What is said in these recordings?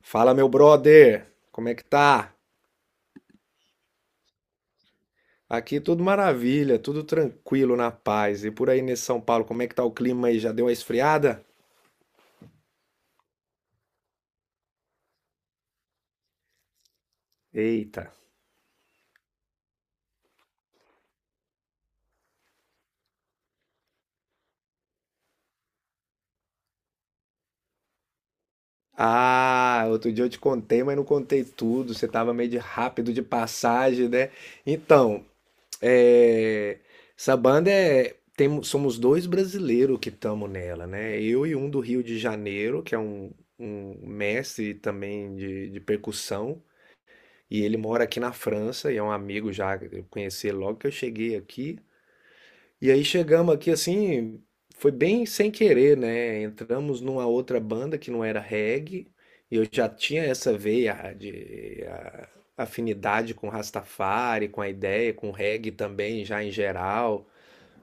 Fala, meu brother, como é que tá? Aqui tudo maravilha, tudo tranquilo, na paz. E por aí nesse São Paulo, como é que tá o clima aí? Já deu uma esfriada? Eita. Ah, outro dia eu te contei, mas não contei tudo. Você tava meio de rápido de passagem, né? Então, é, essa banda é. Temos, somos dois brasileiros que estamos nela, né? Eu e um do Rio de Janeiro, que é um, um mestre também de percussão. E ele mora aqui na França e é um amigo já, eu conheci ele logo que eu cheguei aqui. E aí chegamos aqui assim, foi bem sem querer, né? Entramos numa outra banda que não era reggae, e eu já tinha essa veia de afinidade com Rastafari, com a ideia, com reggae também, já em geral,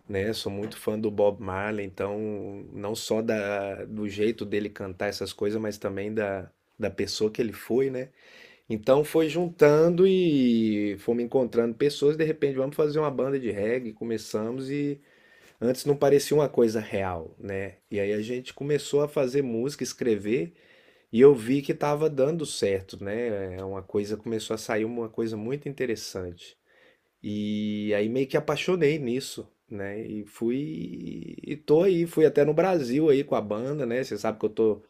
né? Sou muito fã do Bob Marley, então não só do jeito dele cantar essas coisas, mas também da, da pessoa que ele foi, né? Então foi juntando e fomos encontrando pessoas, de repente vamos fazer uma banda de reggae, começamos e antes não parecia uma coisa real, né? E aí a gente começou a fazer música, escrever e eu vi que estava dando certo, né? É. Uma coisa começou a sair uma coisa muito interessante. E aí meio que apaixonei nisso, né? E fui e tô aí, fui até no Brasil aí com a banda, né? Você sabe que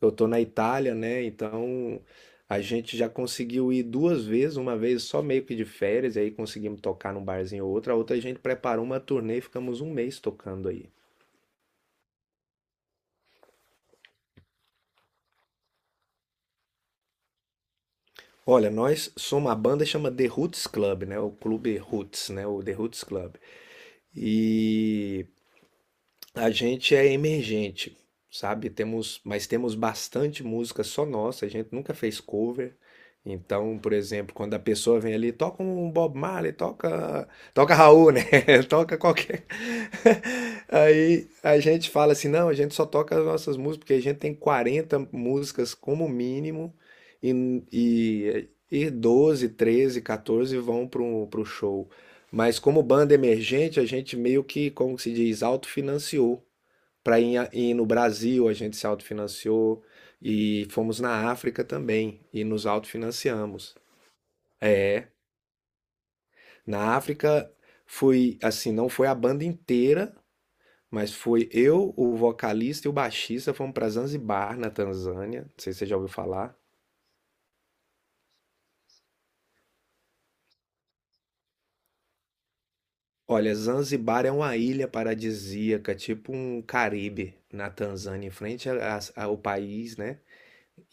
eu tô na Itália, né? Então a gente já conseguiu ir duas vezes, uma vez só meio que de férias, e aí conseguimos tocar num barzinho ou outro. A outra a gente preparou uma turnê e ficamos um mês tocando aí. Olha, nós somos uma banda que chama The Roots Club, né? O Clube Roots, né? O The Roots Club. E a gente é emergente, sabe? Temos, mas temos bastante música só nossa, a gente nunca fez cover. Então, por exemplo, quando a pessoa vem ali, toca um Bob Marley, toca, toca Raul, né? Toca qualquer. Aí a gente fala assim, não, a gente só toca as nossas músicas, porque a gente tem 40 músicas como mínimo e, e 12, 13, 14 vão para o show. Mas como banda emergente, a gente meio que, como que se diz, autofinanciou para ir no Brasil, a gente se autofinanciou e fomos na África também e nos autofinanciamos. É, na África fui assim, não foi a banda inteira, mas foi eu, o vocalista e o baixista fomos para Zanzibar, na Tanzânia. Não sei se você já ouviu falar. Olha, Zanzibar é uma ilha paradisíaca, tipo um Caribe na Tanzânia, em frente ao país, né?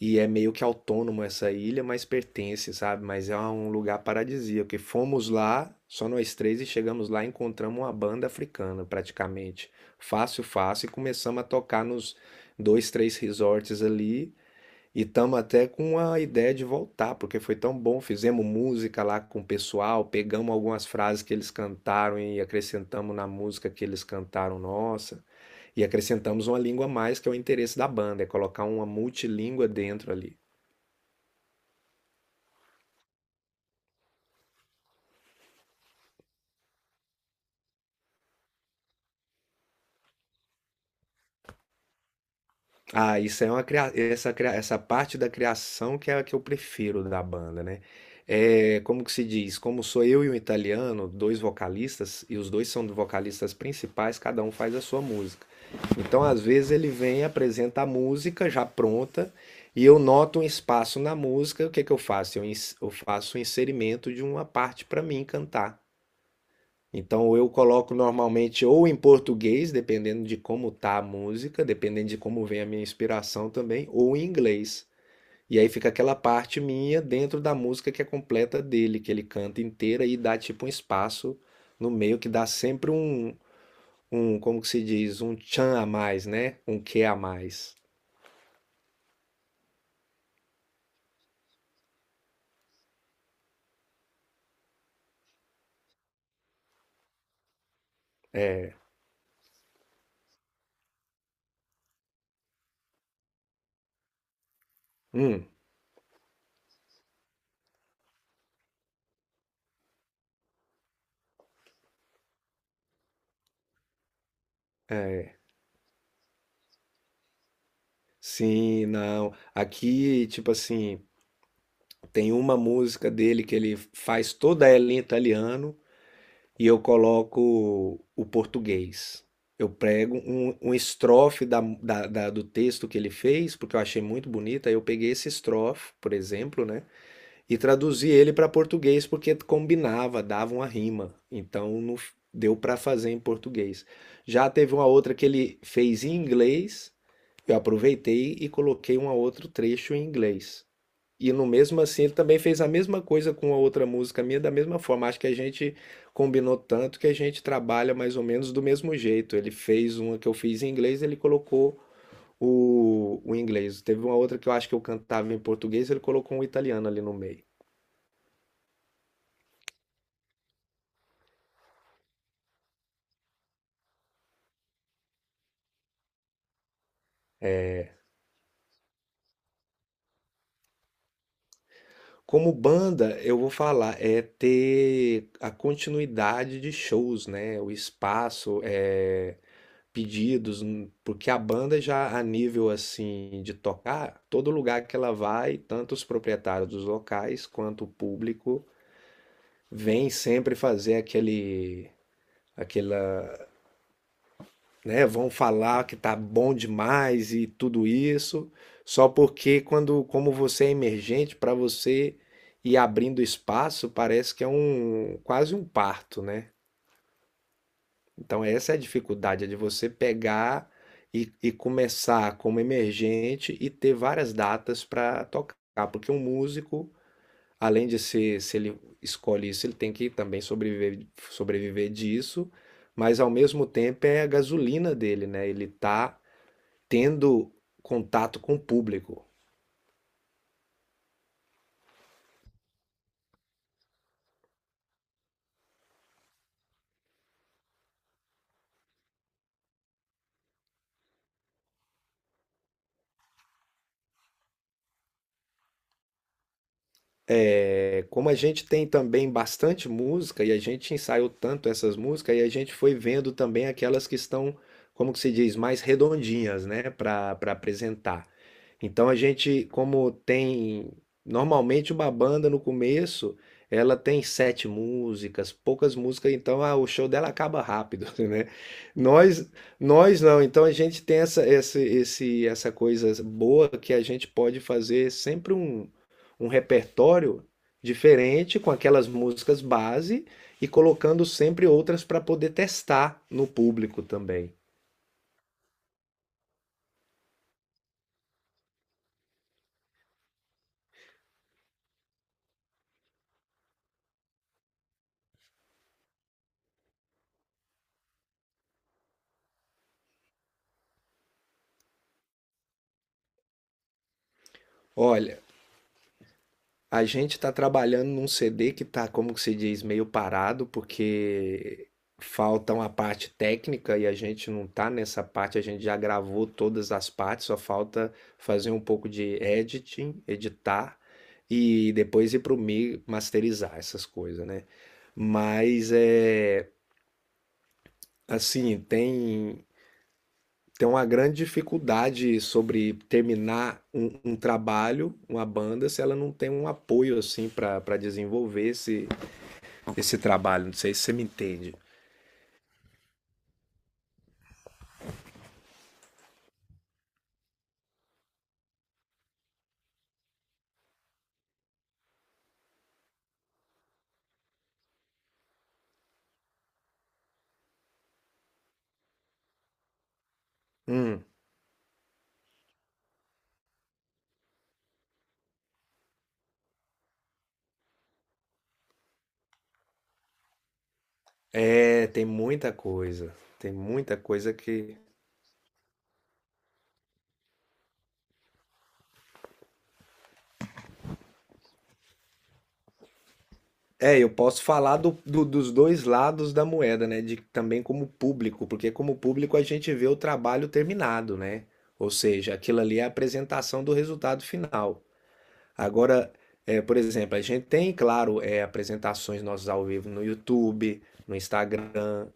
E é meio que autônomo essa ilha, mas pertence, sabe? Mas é um lugar paradisíaco. Porque fomos lá, só nós três, e chegamos lá e encontramos uma banda africana, praticamente. Fácil, fácil. E começamos a tocar nos dois, três resorts ali. E estamos até com a ideia de voltar, porque foi tão bom. Fizemos música lá com o pessoal, pegamos algumas frases que eles cantaram e acrescentamos na música que eles cantaram nossa. E acrescentamos uma língua a mais, que é o interesse da banda, é colocar uma multilíngua dentro ali. Ah, isso é uma essa parte da criação que é a que eu prefiro da banda, né? É, como que se diz? Como sou eu e um italiano, dois vocalistas, e os dois são vocalistas principais, cada um faz a sua música. Então, às vezes, ele vem e apresenta a música já pronta, e eu noto um espaço na música, o que que eu faço? Eu faço o inserimento de uma parte para mim cantar. Então eu coloco normalmente ou em português, dependendo de como tá a música, dependendo de como vem a minha inspiração também, ou em inglês. E aí fica aquela parte minha dentro da música que é completa dele, que ele canta inteira e dá tipo um espaço no meio que dá sempre como que se diz, um tchan a mais, né? Um que a mais. Hum, é. Sim, não. Aqui, tipo assim, tem uma música dele que ele faz toda ela em italiano. E eu coloco o português. Eu prego um, um estrofe do texto que ele fez, porque eu achei muito bonita. Eu peguei esse estrofe, por exemplo, né? E traduzi ele para português, porque combinava, dava uma rima. Então deu para fazer em português. Já teve uma outra que ele fez em inglês, eu aproveitei e coloquei um outro trecho em inglês. E no mesmo assim, ele também fez a mesma coisa com a outra música minha, da mesma forma. Acho que a gente combinou tanto que a gente trabalha mais ou menos do mesmo jeito. Ele fez uma que eu fiz em inglês, ele colocou o inglês. Teve uma outra que eu acho que eu cantava em português, ele colocou um italiano ali no meio. Como banda, eu vou falar, é ter a continuidade de shows, né? O espaço, é pedidos, porque a banda já a nível assim de tocar, todo lugar que ela vai, tanto os proprietários dos locais quanto o público vem sempre fazer aquela, né, vão falar que tá bom demais e tudo isso, só porque quando como você é emergente, para você ir abrindo espaço, parece que é um quase um parto, né? Então, essa é a dificuldade, é de você pegar e começar como emergente e ter várias datas para tocar, porque um músico, além de ser, se ele escolhe isso, ele tem que também sobreviver, sobreviver disso, mas ao mesmo tempo é a gasolina dele, né? Ele tá tendo contato com o público. É, como a gente tem também bastante música e a gente ensaiou tanto essas músicas, e a gente foi vendo também aquelas que estão, como que se diz, mais redondinhas, né, para apresentar. Então a gente, como tem normalmente uma banda no começo, ela tem sete músicas, poucas músicas, então ah, o show dela acaba rápido, né? Nós, nós não. Então a gente tem essa coisa boa que a gente pode fazer sempre um, um repertório diferente com aquelas músicas base e colocando sempre outras para poder testar no público também. Olha, a gente está trabalhando num CD que está, como se diz, meio parado, porque falta uma parte técnica e a gente não está nessa parte, a gente já gravou todas as partes, só falta fazer um pouco de editing, editar e depois ir para o mi masterizar essas coisas, né? Mas é assim, tem uma grande dificuldade sobre terminar um, um trabalho, uma banda, se ela não tem um apoio assim para desenvolver esse, esse trabalho. Não sei se você me entende. Hum, é, tem muita coisa. Tem muita coisa que. É, eu posso falar dos dois lados da moeda, né? De também como público, porque como público a gente vê o trabalho terminado, né? Ou seja, aquilo ali é a apresentação do resultado final. Agora, é, por exemplo, a gente tem, claro, é, apresentações nossas ao vivo no YouTube, no Instagram,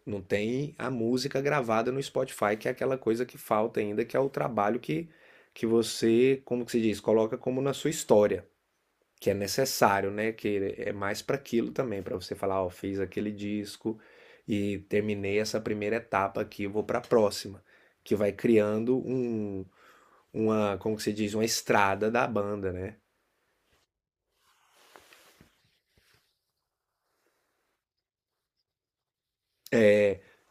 não tem a música gravada no Spotify, que é aquela coisa que falta ainda, que é o trabalho que você, como que se diz, coloca como na sua história, que é necessário, né? Que é mais para aquilo também, para você falar, ó, fiz aquele disco e terminei essa primeira etapa aqui, vou para a próxima, que vai criando como que se diz, uma estrada da banda, né?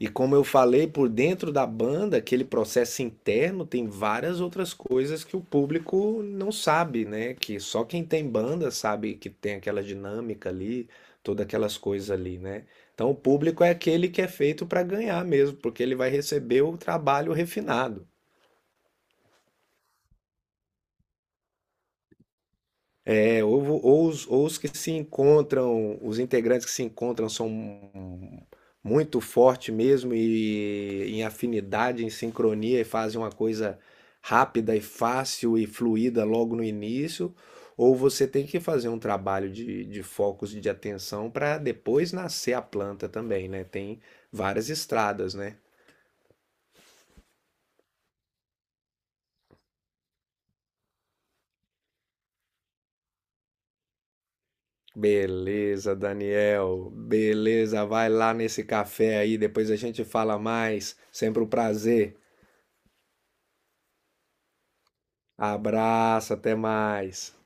E como eu falei, por dentro da banda, aquele processo interno tem várias outras coisas que o público não sabe, né? Que só quem tem banda sabe que tem aquela dinâmica ali, todas aquelas coisas ali, né? Então o público é aquele que é feito para ganhar mesmo, porque ele vai receber o trabalho refinado. É, ou, ou os que se encontram, os integrantes que se encontram são muito fortes mesmo e em afinidade, em sincronia e fazem uma coisa rápida e fácil e fluida logo no início, ou você tem que fazer um trabalho de focos e de atenção para depois nascer a planta também, né? Tem várias estradas, né? Beleza, Daniel. Beleza, vai lá nesse café aí, depois a gente fala mais. Sempre um prazer. Abraço, até mais.